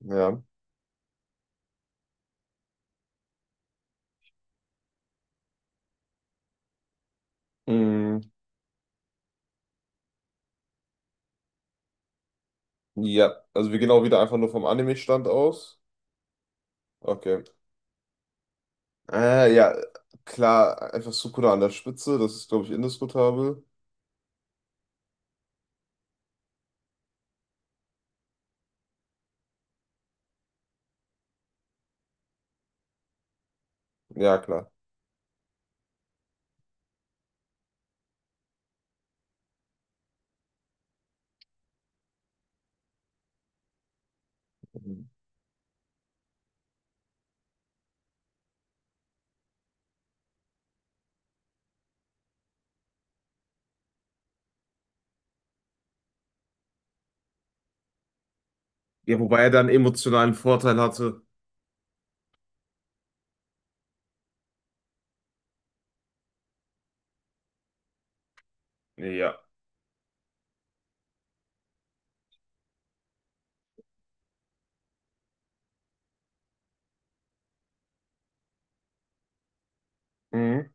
Ja. Mm, ja, also wir gehen auch wieder einfach nur vom Anime-Stand aus. Okay. Äh, ja, klar, einfach Sukuna an der Spitze, das ist, glaube ich, indiskutabel. Ja, klar. Mhm. Ja, wobei er dann emotionalen Vorteil hatte. Ja. Mhm.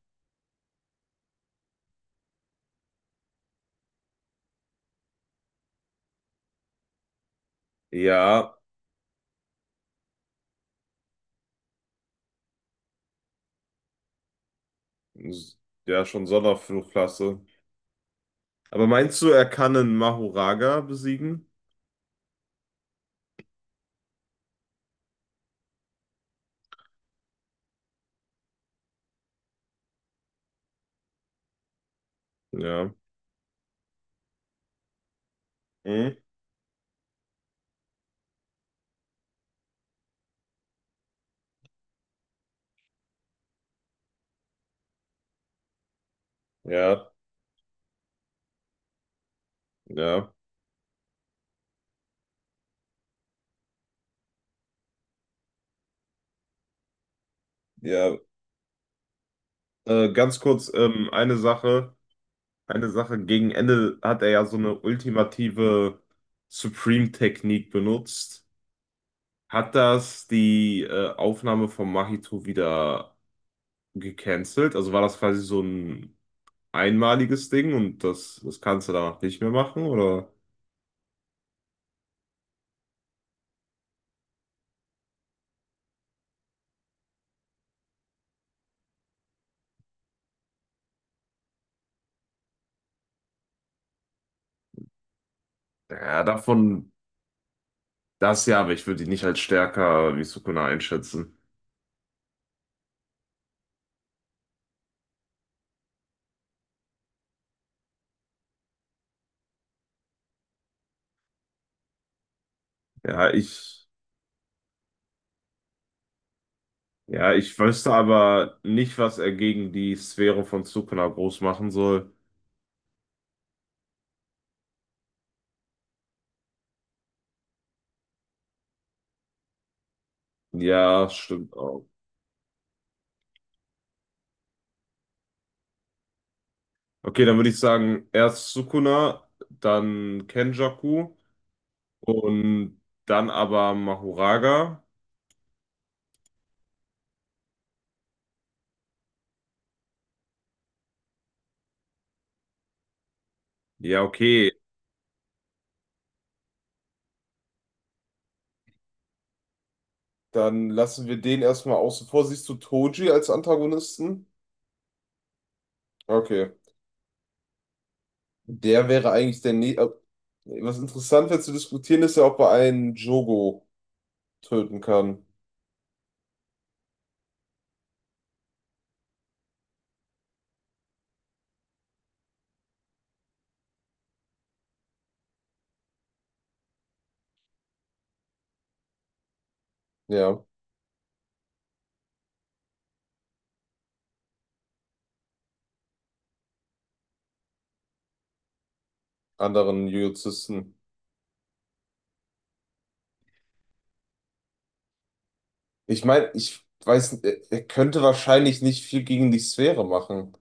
Ja, s- ja, schon Sonderflugklasse. Aber meinst du, er kann einen Mahoraga besiegen? Ja. Mhm. Ja, ja, ja. Ganz kurz, eine Sache. Eine Sache, gegen Ende hat er ja so eine ultimative Supreme-Technik benutzt. Hat das die Aufnahme von Mahito wieder gecancelt? Also war das quasi so ein einmaliges Ding und das kannst du danach nicht mehr machen? Oder? Ja, davon das ja, aber ich würde ihn nicht als stärker wie Sukuna einschätzen. Ja, ich, ja, ich wüsste aber nicht, was er gegen die Sphäre von Sukuna groß machen soll. Ja, stimmt auch. Okay, dann würde ich sagen, erst Sukuna, dann Kenjaku und dann aber Mahoraga. Ja, okay. Dann lassen wir den erstmal außen vor. Siehst du Toji als Antagonisten? Okay. Der wäre eigentlich der Nä Was interessant wäre zu diskutieren, ist ja, ob er einen Jogo töten kann. Ja, anderen Jujutsusten. Ich meine, ich weiß, er könnte wahrscheinlich nicht viel gegen die Sphäre machen.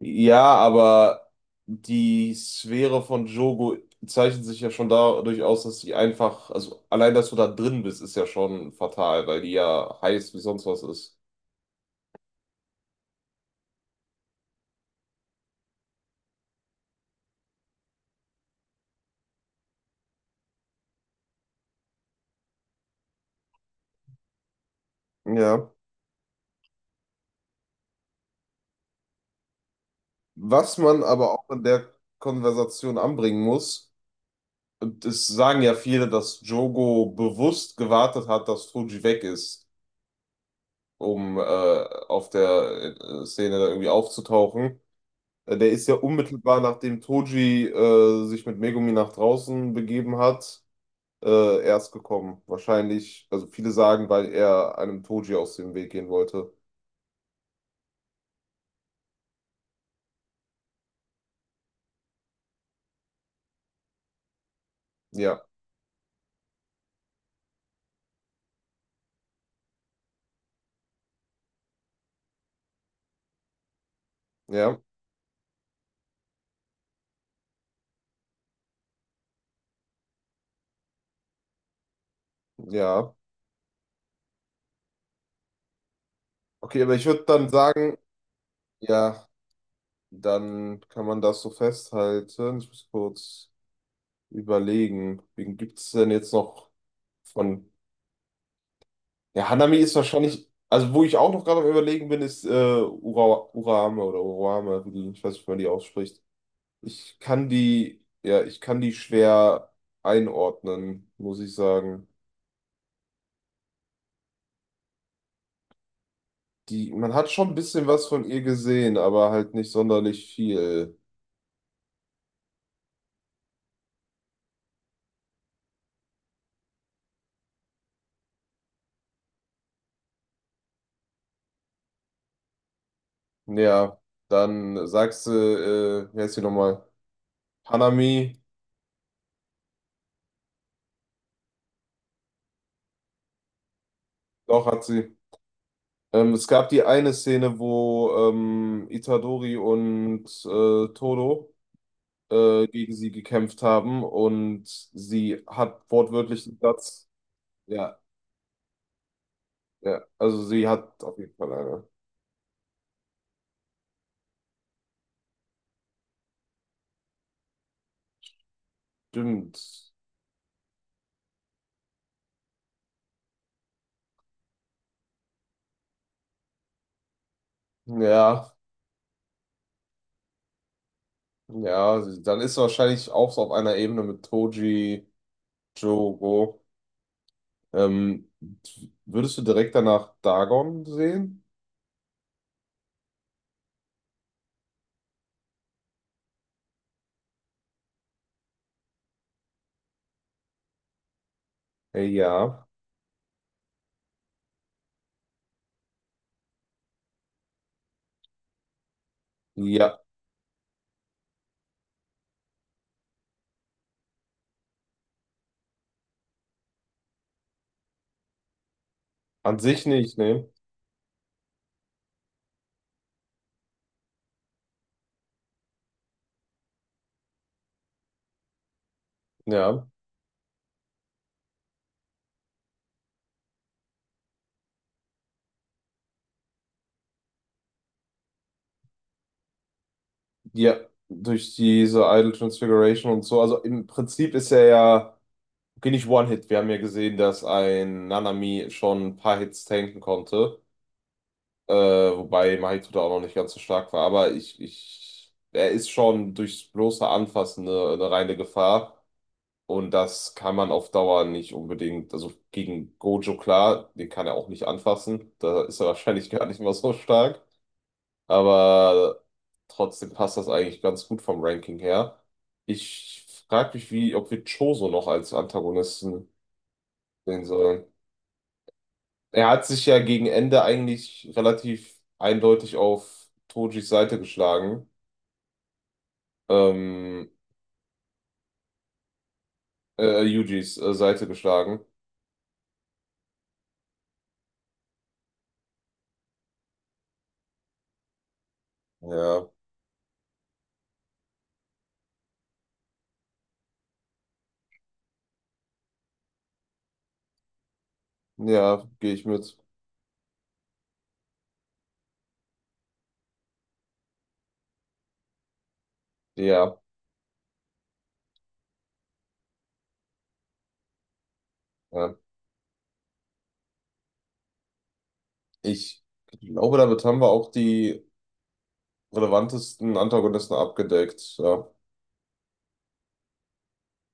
Ja, aber die Sphäre von Jogo zeichnet sich ja schon dadurch aus, dass sie einfach, also allein, dass du da drin bist, ist ja schon fatal, weil die ja heiß wie sonst was ist. Ja. Was man aber auch in der Konversation anbringen muss, und es sagen ja viele, dass Jogo bewusst gewartet hat, dass Fuji weg ist, um auf der Szene da irgendwie aufzutauchen. Der ist ja unmittelbar nachdem Toji sich mit Megumi nach draußen begeben hat, erst gekommen. Wahrscheinlich, also viele sagen, weil er einem Toji aus dem Weg gehen wollte. Ja, ja, ja. Okay, aber ich würde dann sagen, ja, dann kann man das so festhalten. Ich muss kurz überlegen, wen gibt es denn jetzt noch von. Ja, Hanami ist wahrscheinlich. Also, wo ich auch noch gerade am Überlegen bin, ist Ura, Urame oder Urame, wie die, ich weiß nicht, wie man die ausspricht. Ja, ich kann die schwer einordnen, muss ich sagen. Die, man hat schon ein bisschen was von ihr gesehen, aber halt nicht sonderlich viel. Ja, dann sagst du, wie heißt sie nochmal? Hanami, doch hat sie. Es gab die eine Szene, wo Itadori und Todo gegen sie gekämpft haben und sie hat wortwörtlich den Satz, ja, ja, also sie hat auf jeden Fall eine. Stimmt. Ja, ja, dann ist wahrscheinlich auch so auf einer Ebene mit Toji, Jogo. Ähm, Würdest du direkt danach Dagon sehen? Ja, ja, an sich nicht, ne? Ja, ja, durch diese Idol Transfiguration und so. Also im Prinzip ist er ja, okay, nicht One-Hit. Wir haben ja gesehen, dass ein Nanami schon ein paar Hits tanken konnte. Wobei Mahito da auch noch nicht ganz so stark war. Aber er ist schon durchs bloße Anfassen eine reine Gefahr. Und das kann man auf Dauer nicht unbedingt. Also gegen Gojo, klar, den kann er auch nicht anfassen. Da ist er wahrscheinlich gar nicht mal so stark. Aber trotzdem passt das eigentlich ganz gut vom Ranking her. Ich frage mich, wie, ob wir Choso noch als Antagonisten sehen sollen. Er hat sich ja gegen Ende eigentlich relativ eindeutig auf Tojis Seite geschlagen. Ähm, Yujis Seite geschlagen. Ja, ja, gehe ich mit. Ja, ja. Ich glaube, damit haben wir auch die relevantesten Antagonisten abgedeckt. Ja.